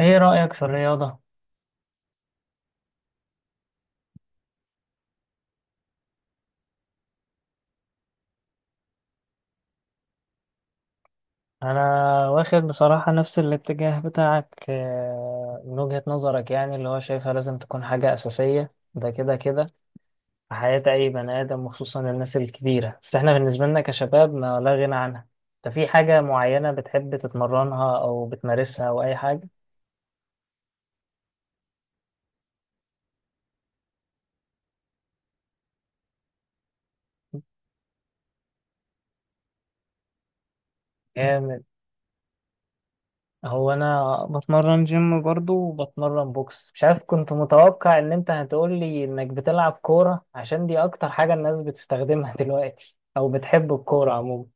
ايه رأيك في الرياضة؟ انا واخد بصراحة نفس الاتجاه بتاعك من وجهة نظرك يعني اللي هو شايفها لازم تكون حاجة أساسية ده كده في حياة اي بني آدم وخصوصا الناس الكبيرة، بس احنا بالنسبة لنا كشباب ما لا غنى عنها. انت في حاجة معينة بتحب تتمرنها او بتمارسها او اي حاجة؟ جامد. هو انا بتمرن جيم برضو وبتمرن بوكس، مش عارف كنت متوقع ان انت هتقول لي انك بتلعب كورة عشان دي اكتر حاجة الناس بتستخدمها دلوقتي او بتحب الكورة عموما.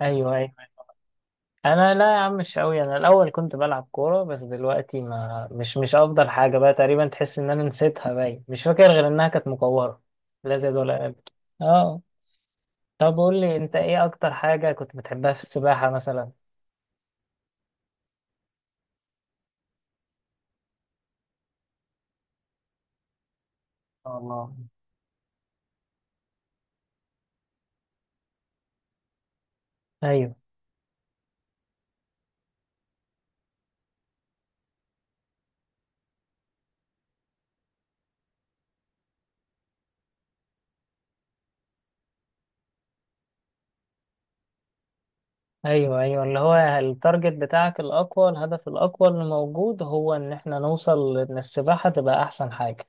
ايوه ايوه، انا لا يا عم مش قوي، انا الاول كنت بلعب كورة بس دلوقتي ما مش افضل حاجة بقى، تقريبا تحس ان انا نسيتها، باين مش فاكر غير انها كانت مكورة، لا زيادة ولا أقل. اه، طب قول لي انت ايه اكتر حاجة كنت بتحبها في السباحة مثلا. الله. ايوه، ايوه اللي هو التارجت بتاعك الاقوى، الهدف الاقوى اللي موجود هو ان احنا نوصل ان السباحه تبقى احسن حاجه.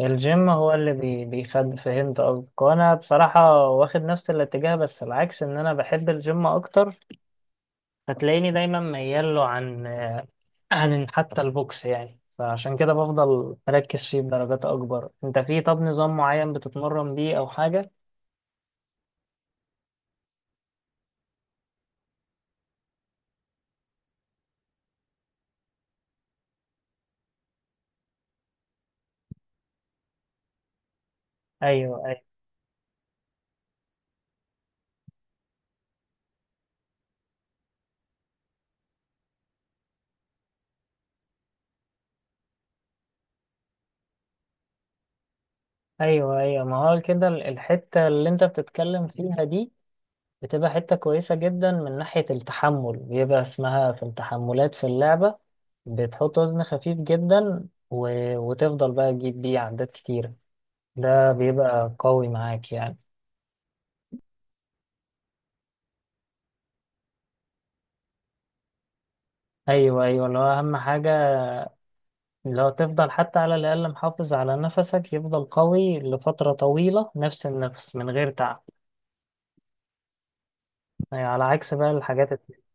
الجيم هو اللي بيخد، فهمت قصدك. وانا بصراحه واخد نفس الاتجاه بس العكس، ان انا بحب الجيم اكتر، فتلاقيني دايما ميال له عن حتى البوكس يعني، فعشان كده بفضل مركز فيه بدرجات اكبر. انت في، طب نظام معين بتتمرن بيه او حاجه؟ ايوه ايوه، ايوه ما هو كده، الحته اللي انت بتتكلم فيها دي بتبقى حتة كويسة جدا من ناحية التحمل، بيبقى اسمها في التحملات في اللعبة، بتحط وزن خفيف جدا وتفضل بقى تجيب بيه عدات كتيرة، ده بيبقى قوي معاك يعني. أيوة أيوة، اللي هو أهم حاجة لو تفضل حتى على الأقل محافظ على نفسك، يفضل قوي لفترة طويلة، نفس النفس من غير تعب، يعني على عكس بقى الحاجات التانية.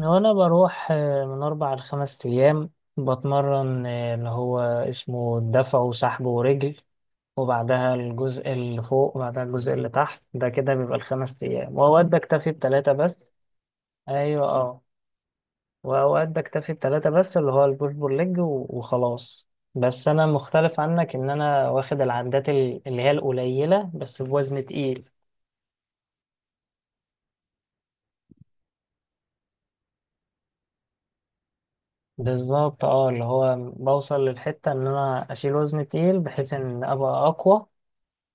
وأنا بروح من أربع لخمس أيام، بتمرن اللي هو اسمه دفع وسحب ورجل، وبعدها الجزء اللي فوق وبعدها الجزء اللي تحت، ده كده بيبقى الخمس أيام، وأوقات بكتفي بتلاتة بس. أيوة أه، وأوقات بكتفي بتلاتة بس، اللي هو البوش بول ليج وخلاص. بس أنا مختلف عنك، إن أنا واخد العدات اللي هي القليلة بس بوزن تقيل. بالظبط أه، اللي هو بوصل للحتة إن أنا أشيل وزن تقيل بحيث إن أبقى أقوى،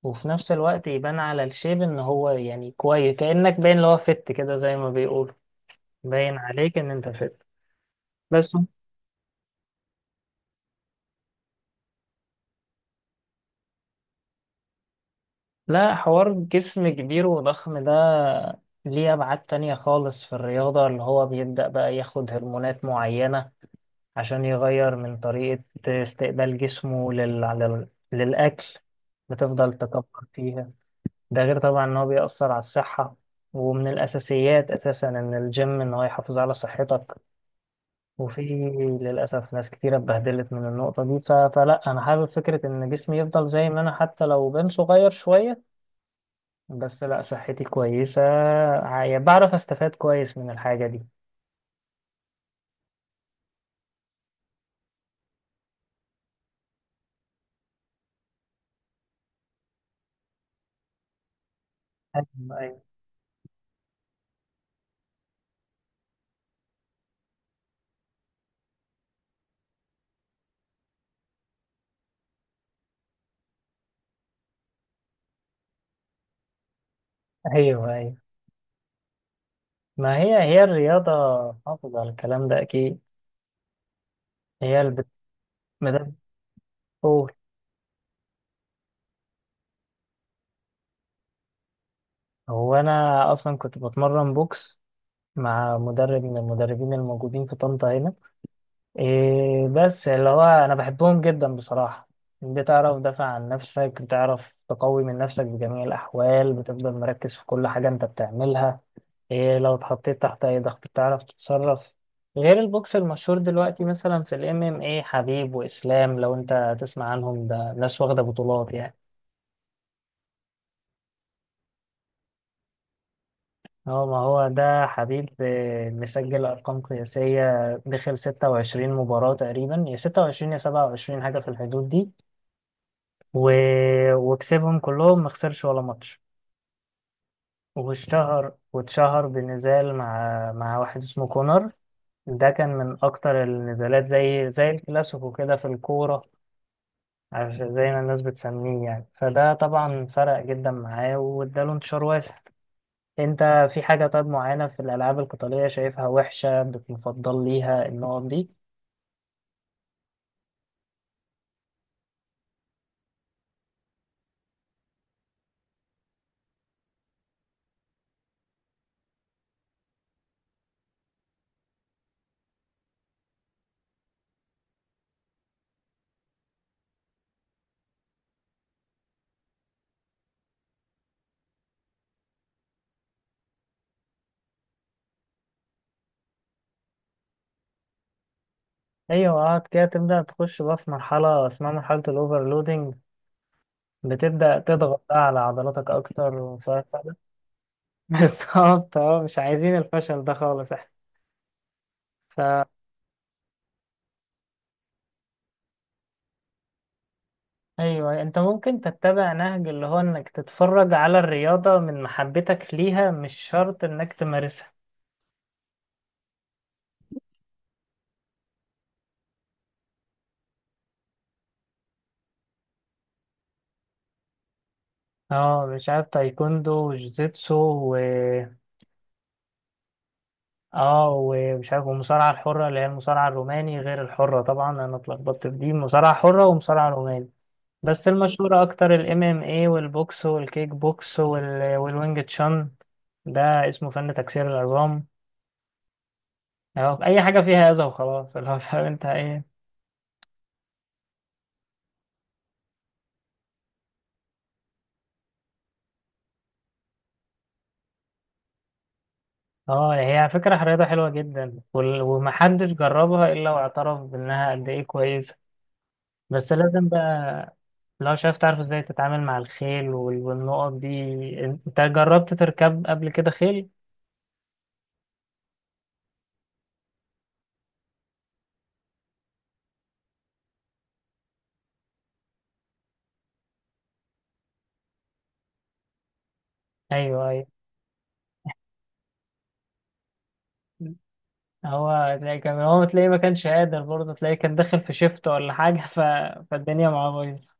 وفي نفس الوقت يبان على الشيب إن هو يعني كويس، كأنك باين اللي هو فت كده زي ما بيقولوا، باين عليك إن أنت فت. بس لا، حوار جسم كبير وضخم ده ليه أبعاد تانية خالص في الرياضة، اللي هو بيبدأ بقى ياخد هرمونات معينة عشان يغير من طريقة استقبال جسمه للأكل، بتفضل تكبر فيها. ده غير طبعا إن هو بيأثر على الصحة، ومن الأساسيات أساسا إن الجيم إن هو يحافظ على صحتك، وفي للأسف ناس كتيرة اتبهدلت من النقطة دي. فلا أنا حابب فكرة إن جسمي يفضل زي ما أنا، حتى لو بين صغير شوية بس لا صحتي كويسة، بعرف استفاد كويس من الحاجة دي. ايوه ايوه، ايوه ما هي هي الرياضة، حافظ على الكلام ده اكيد، هي اللي مدرب، قول. هو انا اصلا كنت بتمرن بوكس مع مدرب من المدربين الموجودين في طنطا هنا، إيه بس اللي هو انا بحبهم جدا بصراحة، بتعرف دافع عن نفسك، بتعرف تقوي من نفسك بجميع الاحوال، بتفضل مركز في كل حاجة انت بتعملها، إيه لو اتحطيت تحت اي ضغط بتعرف تتصرف، غير البوكس المشهور دلوقتي مثلا في الام ام اي، حبيب واسلام لو انت تسمع عنهم، ده ناس واخدة بطولات يعني. هو ما هو ده حبيب، مسجل أرقام قياسية، دخل 26 مباراة تقريبا، يا 26 يا 27 حاجة في الحدود دي، و... وكسبهم كلهم ما خسرش ولا ماتش، واشتهر واتشهر بنزال مع واحد اسمه كونر، ده كان من أكتر النزالات زي الكلاسيكو كده في الكورة، زي ما الناس بتسميه يعني، فده طبعا فرق جدا معاه واداله انتشار واسع. انت في حاجة طيب معينة في الألعاب القتالية شايفها وحشة بتفضل ليها النقط دي؟ أيوة، قعد كده تبدأ تخش بقى في مرحلة اسمها مرحلة الأوفرلودنج، بتبدأ تضغط بقى على عضلاتك أكتر ومش عارف إيه. بالظبط اه، مش عايزين الفشل ده خالص احنا. ف... أيوه، أنت ممكن تتبع نهج اللي هو إنك تتفرج على الرياضة من محبتك ليها، مش شرط إنك تمارسها. اه مش عارف، تايكوندو وجوجيتسو و... اه، ومش عارف والمصارعة الحرة اللي هي المصارعة الروماني غير الحرة طبعا، أنا اتلخبطت في دي مصارعة حرة ومصارعة روماني، بس المشهورة أكتر ال MMA والبوكس والكيك بوكس والوينج تشان، ده اسمه فن تكسير العظام، أهو أي حاجة فيها أذى وخلاص. اللي هو فاهم أنت إيه. اه هي فكرة رياضة حلوة جدا ومحدش جربها إلا واعترف بإنها قد إيه كويسة، بس لازم بقى لو شايف تعرف إزاي تتعامل مع الخيل والنقط دي. أنت جربت تركب قبل كده خيل؟ أيوه أيوه، هو تلاقي كان، هو تلاقيه ما كانش قادر برضه، تلاقيه كان داخل في شيفت ولا حاجة، فالدنيا معاه بايظة.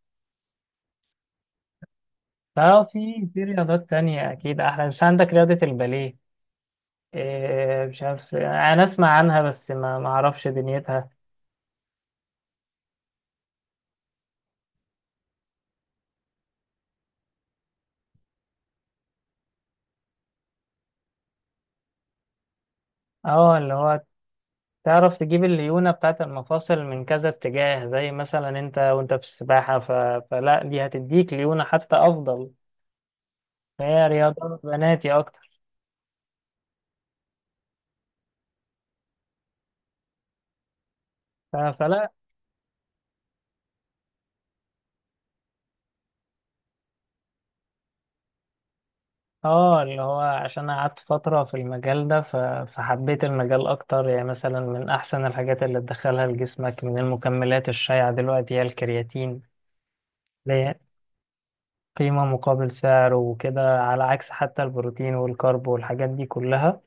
فهو في رياضات تانية أكيد أحلى، مش عندك رياضة الباليه، إيه مش عارف أنا أسمع عنها بس ما أعرفش دنيتها. أه اللي هو تعرف تجيب الليونة بتاعة المفاصل من كذا اتجاه زي مثلا أنت، وأنت في السباحة ف... فلا دي هتديك ليونة حتى أفضل، فهي رياضة بناتي أكتر. فلا اه، اللي هو عشان قعدت فترة في المجال ده، فحبيت المجال أكتر يعني. مثلا من أحسن الحاجات اللي تدخلها لجسمك من المكملات الشائعة دلوقتي هي الكرياتين، اللي هي قيمة مقابل سعر وكده، على عكس حتى البروتين والكارب والحاجات دي كلها.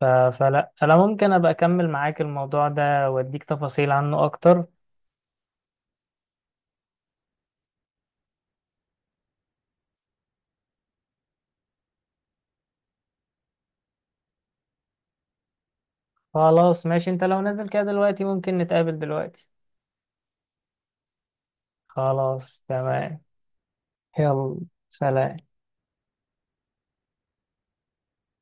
ف- فلا أنا ممكن أبقى أكمل معاك الموضوع ده وأديك تفاصيل عنه أكتر. خلاص ماشي، أنت لو نازل كده دلوقتي ممكن نتقابل دلوقتي. خلاص تمام، يلا، سلام.